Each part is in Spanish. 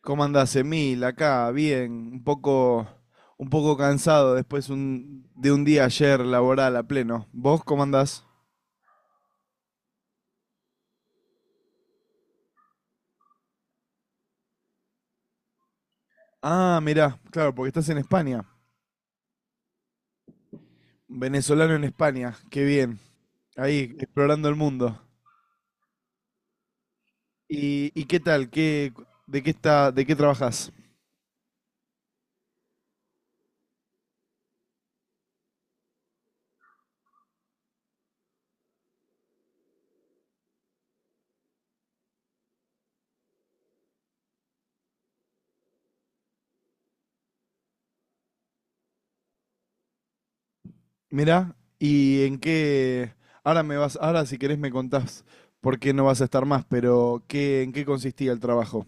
¿Cómo andás, Emil? Acá, bien, un poco cansado después de un día ayer laboral a pleno. ¿Vos cómo andás? Ah, mirá, claro, porque estás en España. Venezolano en España, qué bien. Ahí, explorando el mundo. ¿Y qué tal? ¿Qué, de qué está, de qué trabajás? Mirá, ¿ en qué? Ahora si querés me contás por qué no vas a estar más, pero ¿ en qué consistía el trabajo?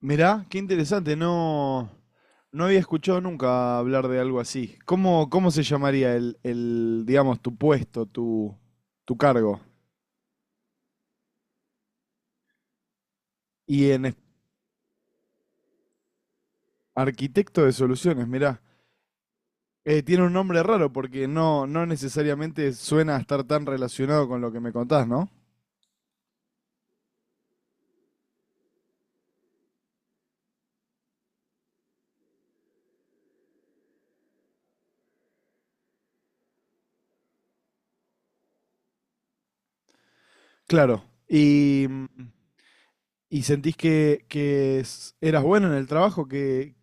Mirá, qué interesante, no, no había escuchado nunca hablar de algo así. ¿Cómo, cómo se llamaría el, digamos, tu puesto, tu cargo? Y en es- Arquitecto de soluciones, mirá. Tiene un nombre raro porque no, no necesariamente suena a estar tan relacionado con lo que me contás, ¿no? Claro. Y, y sentís que, eras bueno en el trabajo, que,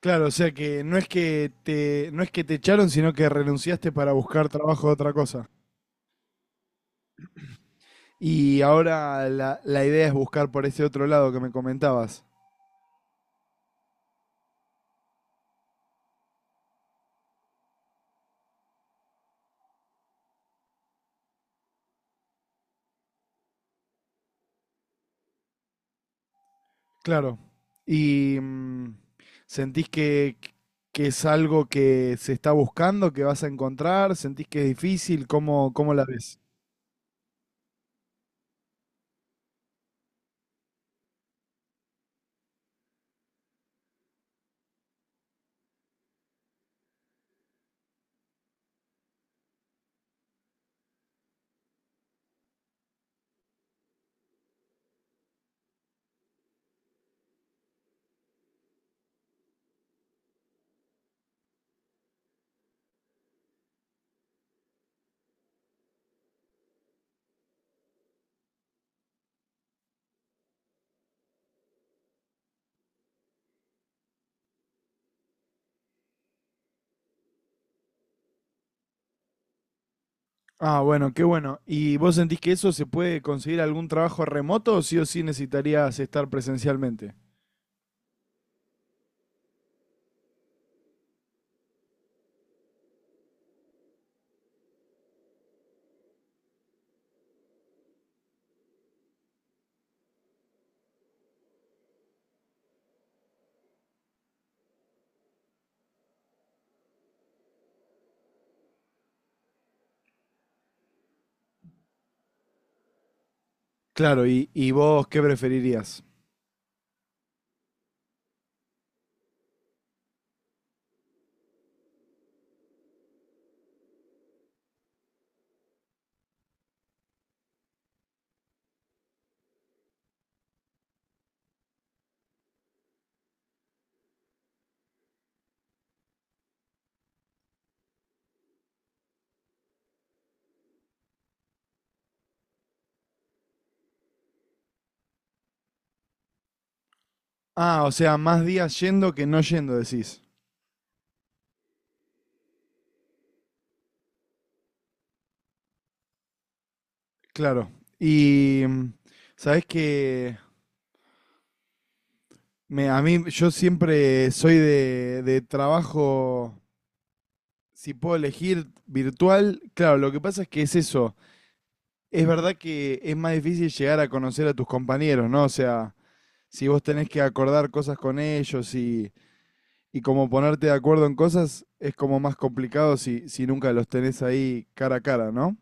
claro, o sea que no es que te echaron, sino que renunciaste para buscar trabajo de otra cosa. Y ahora la idea es buscar por ese otro lado que me comentabas. Claro. ¿Y sentís que es algo que se está buscando, que vas a encontrar? ¿Sentís que es difícil? ¿Cómo, cómo la ves? Ah, bueno, qué bueno. ¿Y vos sentís que eso se puede conseguir algún trabajo remoto o sí necesitarías estar presencialmente? Claro, ¿y vos qué preferirías? Ah, o sea, más días yendo que no yendo, decís. Claro. Y sabés que a mí, yo siempre soy de trabajo, si puedo elegir virtual, claro, lo que pasa es que es eso. Es verdad que es más difícil llegar a conocer a tus compañeros, ¿no? O sea, si vos tenés que acordar cosas con ellos y como ponerte de acuerdo en cosas, es como más complicado si, si nunca los tenés ahí cara a cara, ¿no?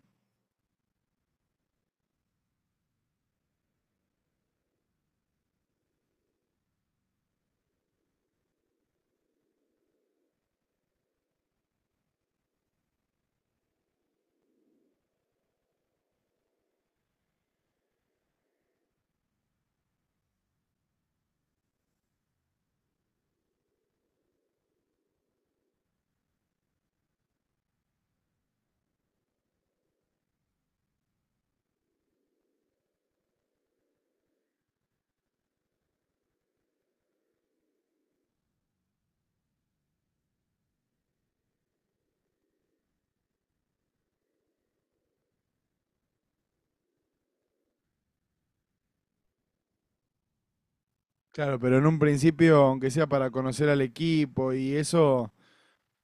Claro, pero en un principio, aunque sea para conocer al equipo y eso,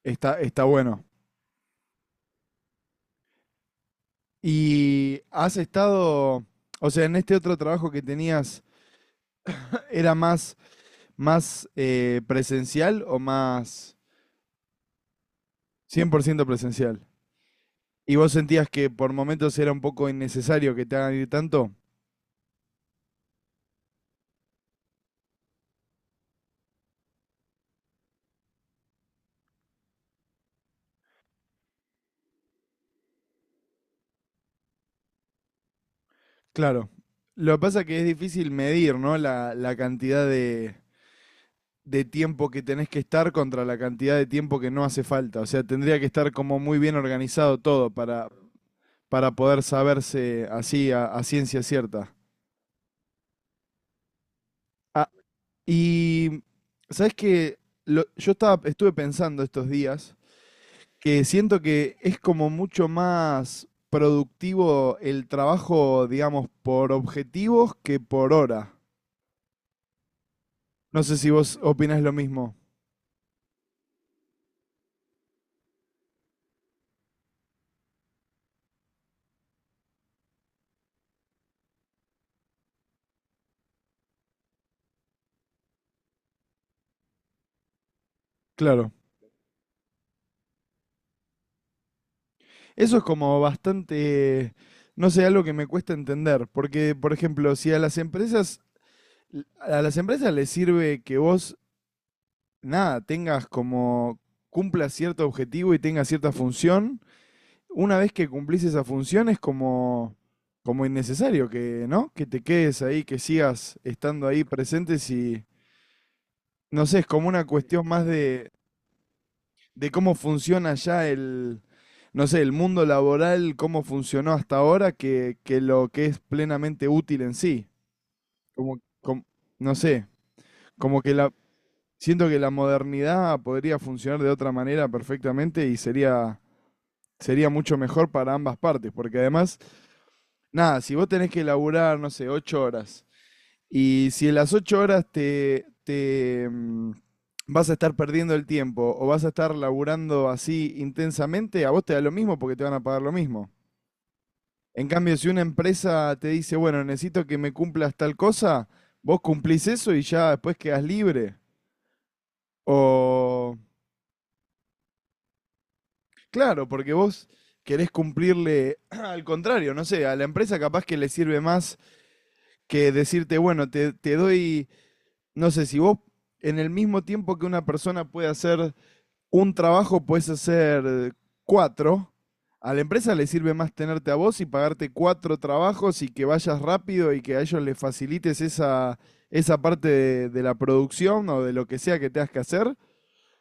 está, está bueno. Y has estado, o sea, en este otro trabajo que tenías, ¿era más, más presencial o más 100% presencial? ¿Y vos sentías que por momentos era un poco innecesario que te hagan ir tanto? Claro. Lo que pasa es que es difícil medir, ¿no? La cantidad de tiempo que tenés que estar contra la cantidad de tiempo que no hace falta. O sea, tendría que estar como muy bien organizado todo para poder saberse así a ciencia cierta. ¿Ha- Y sabes que yo estuve pensando estos días que siento que es como mucho más productivo el trabajo, digamos, por objetivos que por hora. No sé si vos opinás lo mismo. Claro. Eso es como bastante, no sé, algo que me cuesta entender, porque, por ejemplo, si a las empresas, a las empresas les sirve que vos, nada, tengas como, cumpla cierto objetivo y tenga cierta función, una vez que cumplís esa función es como, como innecesario que, ¿no? Que te quedes ahí, que sigas estando ahí presentes y, no sé, es como una cuestión más de cómo funciona ya el, no sé, el mundo laboral, cómo funcionó hasta ahora, que lo que es plenamente útil en sí. Como, com- no sé, como que la, siento que la modernidad podría funcionar de otra manera perfectamente y sería, sería mucho mejor para ambas partes, porque además nada, si vos tenés que laburar, no sé, 8 horas, y si en las 8 horas te, te vas a estar perdiendo el tiempo o vas a estar laburando así intensamente, a vos te da lo mismo porque te van a pagar lo mismo. En cambio, si una empresa te dice, bueno, necesito que me cumplas tal cosa, vos cumplís eso y ya después quedás libre. O, claro, porque vos querés cumplirle al contrario, no sé, a la empresa capaz que le sirve más que decirte, bueno, te doy no sé, si vos en el mismo tiempo que una persona puede hacer un trabajo, puedes hacer cuatro. A la empresa le sirve más tenerte a vos y pagarte cuatro trabajos y que vayas rápido y que a ellos les facilites esa, esa parte de la producción o de lo que sea que tengas que hacer,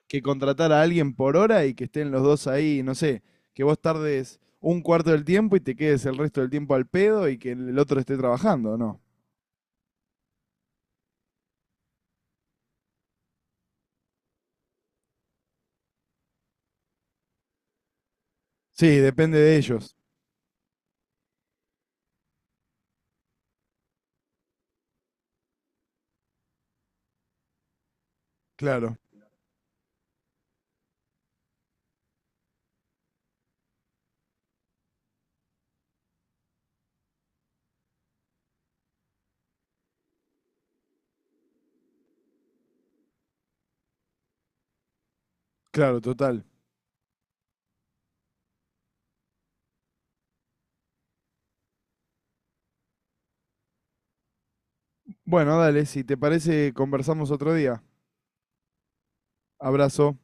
que contratar a alguien por hora y que estén los dos ahí, no sé, que vos tardes un cuarto del tiempo y te quedes el resto del tiempo al pedo y que el otro esté trabajando, ¿no? Sí, depende de ellos. Claro, claro, total. Bueno, dale, si te parece, conversamos otro día. Abrazo.